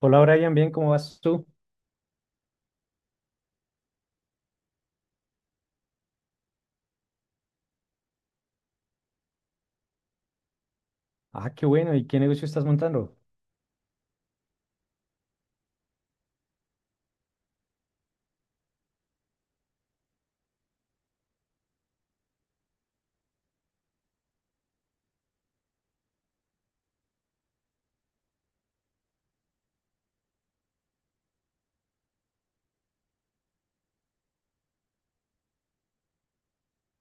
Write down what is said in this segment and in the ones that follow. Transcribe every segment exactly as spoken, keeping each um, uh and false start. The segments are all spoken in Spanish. Hola Brian, bien, ¿cómo vas tú? Ah, qué bueno, ¿y qué negocio estás montando?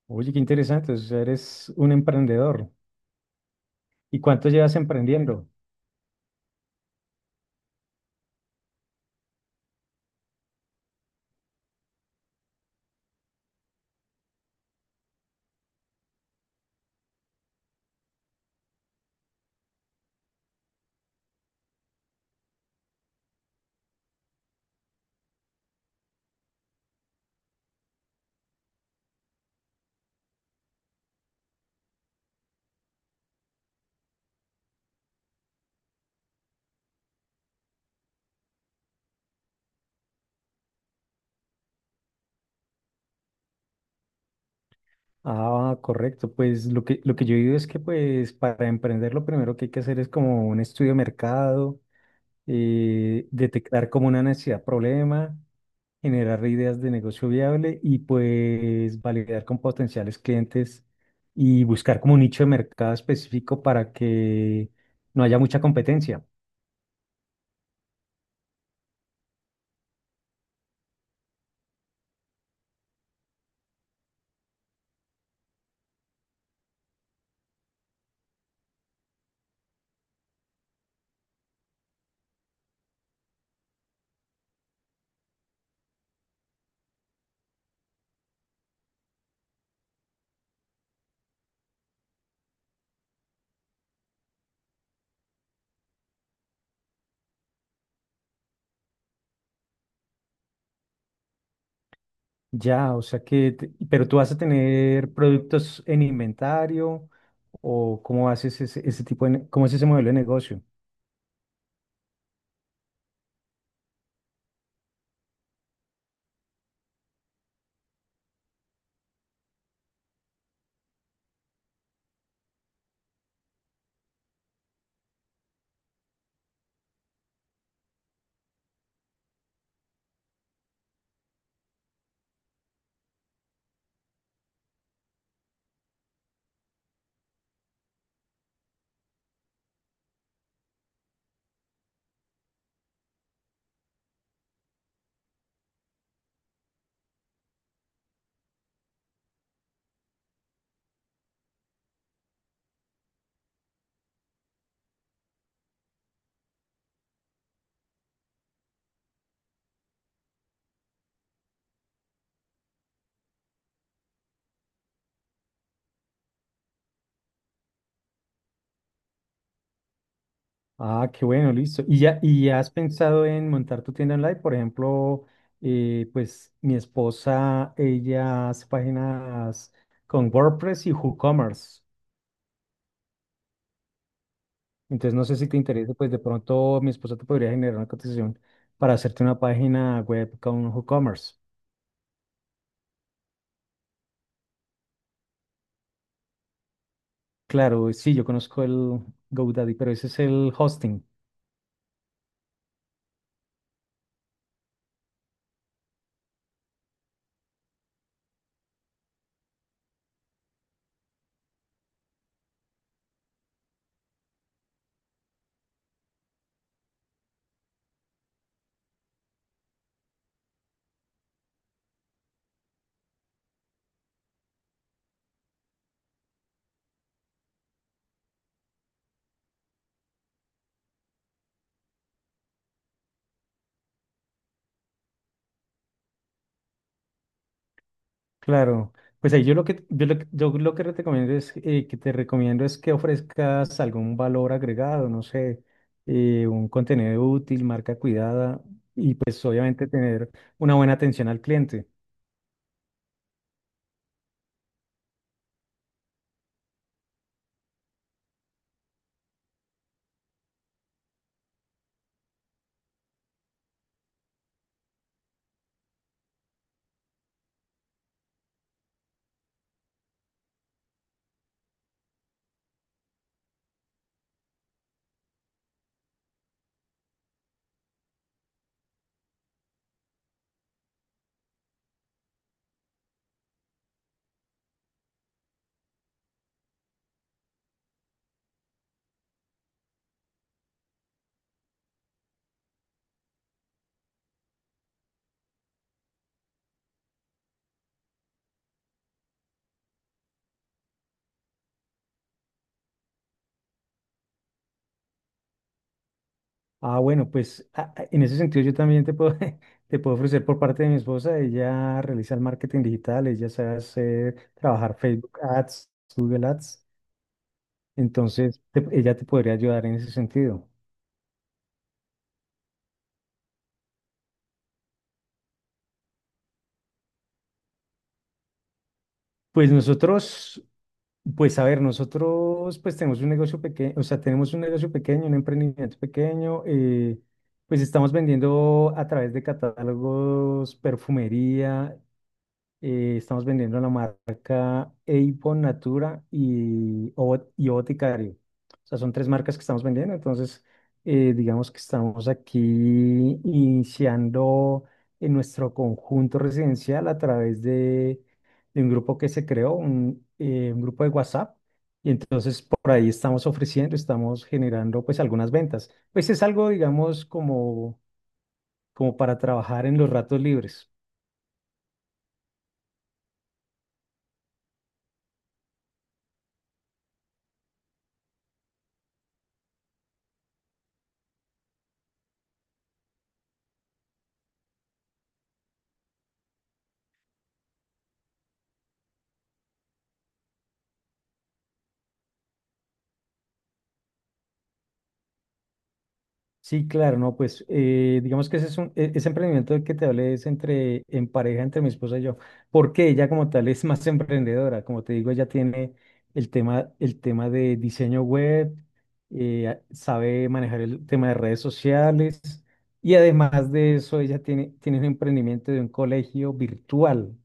Oye, qué interesante, o sea, eres un emprendedor. ¿Y cuánto llevas emprendiendo? Ah, correcto, pues lo que, lo que yo digo es que pues para emprender lo primero que hay que hacer es como un estudio de mercado, eh, detectar como una necesidad, problema, generar ideas de negocio viable y pues validar con potenciales clientes y buscar como un nicho de mercado específico para que no haya mucha competencia. Ya, o sea que, te- pero tú vas a tener productos en inventario o cómo haces ese, ese tipo de, ne- cómo es ese modelo de negocio. Ah, qué bueno, listo. ¿Y ya, y ya has pensado en montar tu tienda online? Por ejemplo, eh, pues mi esposa, ella hace páginas con WordPress y WooCommerce. Entonces no sé si te interesa, pues de pronto mi esposa te podría generar una cotización para hacerte una página web con WooCommerce. Claro, sí, yo conozco el GoDaddy, pero ese es el hosting. Claro, pues ahí yo lo que yo lo, que yo lo que te recomiendo es eh, que te recomiendo es que ofrezcas algún valor agregado, no sé, eh, un contenido útil, marca cuidada y pues obviamente tener una buena atención al cliente. Ah, bueno, pues ah, ah, en ese sentido yo también te puedo te puedo ofrecer por parte de mi esposa, ella realiza el marketing digital, ella sabe hacer trabajar Facebook Ads, Google Ads. Entonces, te- ella te podría ayudar en ese sentido. Pues nosotros, pues a ver, nosotros pues tenemos un negocio pequeño, o sea, tenemos un negocio pequeño, un emprendimiento pequeño, eh, pues estamos vendiendo a través de catálogos, perfumería. Eh, estamos vendiendo la marca Avon, Natura y, O- y Boticario. O sea, son tres marcas que estamos vendiendo. Entonces, eh, digamos que estamos aquí iniciando en nuestro conjunto residencial a través de, de un grupo que se creó, un, eh, un grupo de WhatsApp. Y entonces por ahí estamos ofreciendo, estamos generando pues algunas ventas. Pues es algo, digamos, como, como para trabajar en los ratos libres. Sí, claro, no, pues eh, digamos que ese es un, e- ese emprendimiento del que te hablé es entre, en pareja entre mi esposa y yo, porque ella como tal es más emprendedora, como te digo, ella tiene el tema, el tema de diseño web, eh, sabe manejar el tema de redes sociales y además de eso ella tiene, tiene un emprendimiento de un colegio virtual.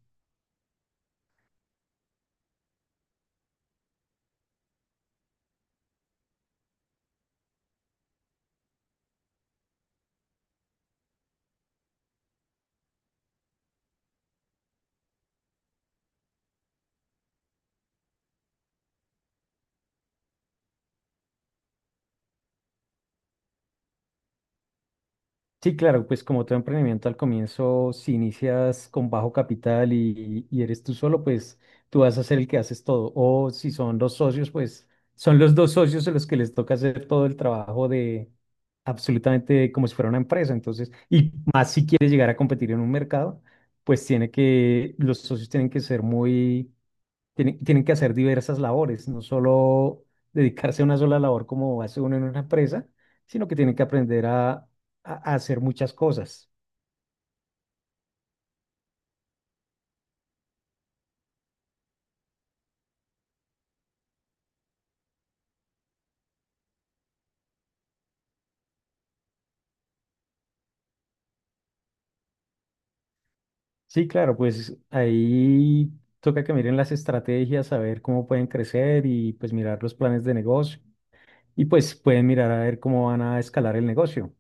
Sí, claro, pues como todo emprendimiento al comienzo, si inicias con bajo capital y, y eres tú solo, pues tú vas a ser el que haces todo. O si son dos socios, pues son los dos socios a los que les toca hacer todo el trabajo de absolutamente como si fuera una empresa. Entonces, y más si quieres llegar a competir en un mercado, pues tiene que, los socios tienen que ser muy tienen, tienen que hacer diversas labores, no solo dedicarse a una sola labor como hace uno en una empresa, sino que tienen que aprender a, a- a hacer muchas cosas. Sí, claro, pues ahí toca que miren las estrategias, a ver cómo pueden crecer y pues mirar los planes de negocio. Y pues pueden mirar a ver cómo van a escalar el negocio.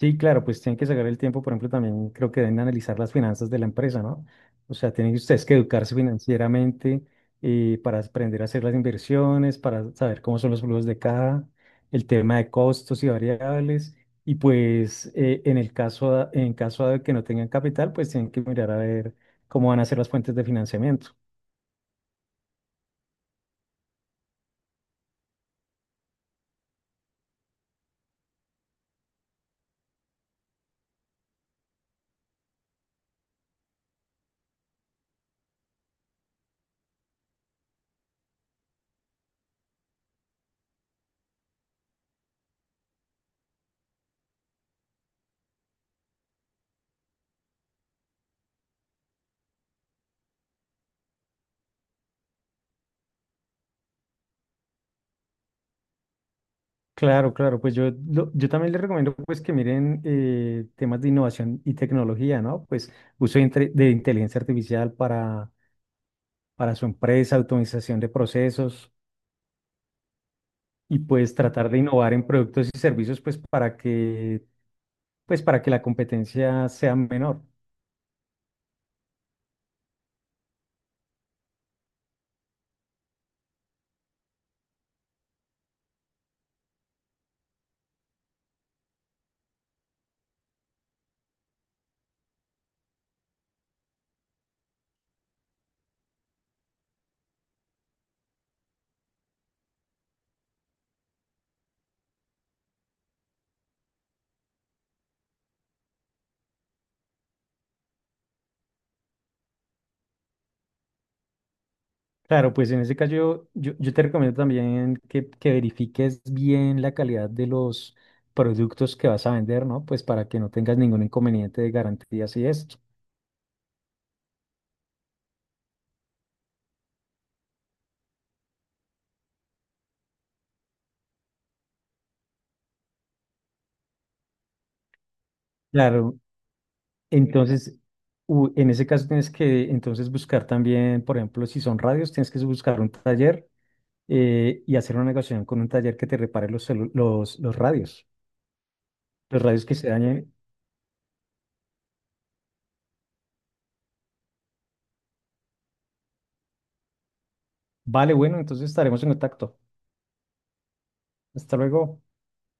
Sí, claro, pues tienen que sacar el tiempo, por ejemplo, también creo que deben analizar las finanzas de la empresa, ¿no? O sea, tienen ustedes que educarse financieramente eh, para aprender a hacer las inversiones, para saber cómo son los flujos de caja, el tema de costos y variables, y pues eh, en el caso, a- en caso de que no tengan capital, pues tienen que mirar a ver cómo van a ser las fuentes de financiamiento. Claro, claro, pues yo, lo- yo también les recomiendo pues que miren eh, temas de innovación y tecnología, ¿no? Pues uso de, inte- de inteligencia artificial para, para su empresa, automatización de procesos y pues tratar de innovar en productos y servicios pues para que pues para que la competencia sea menor. Claro, pues en ese caso yo, yo, yo te recomiendo también que, que verifiques bien la calidad de los productos que vas a vender, ¿no? Pues para que no tengas ningún inconveniente de garantías y esto. Claro, entonces, u- en ese caso tienes que entonces buscar también, por ejemplo, si son radios, tienes que buscar un taller eh, y hacer una negociación con un taller que te repare los, celu- los, los radios, los radios que se dañen. Vale, bueno, entonces estaremos en contacto. Hasta luego.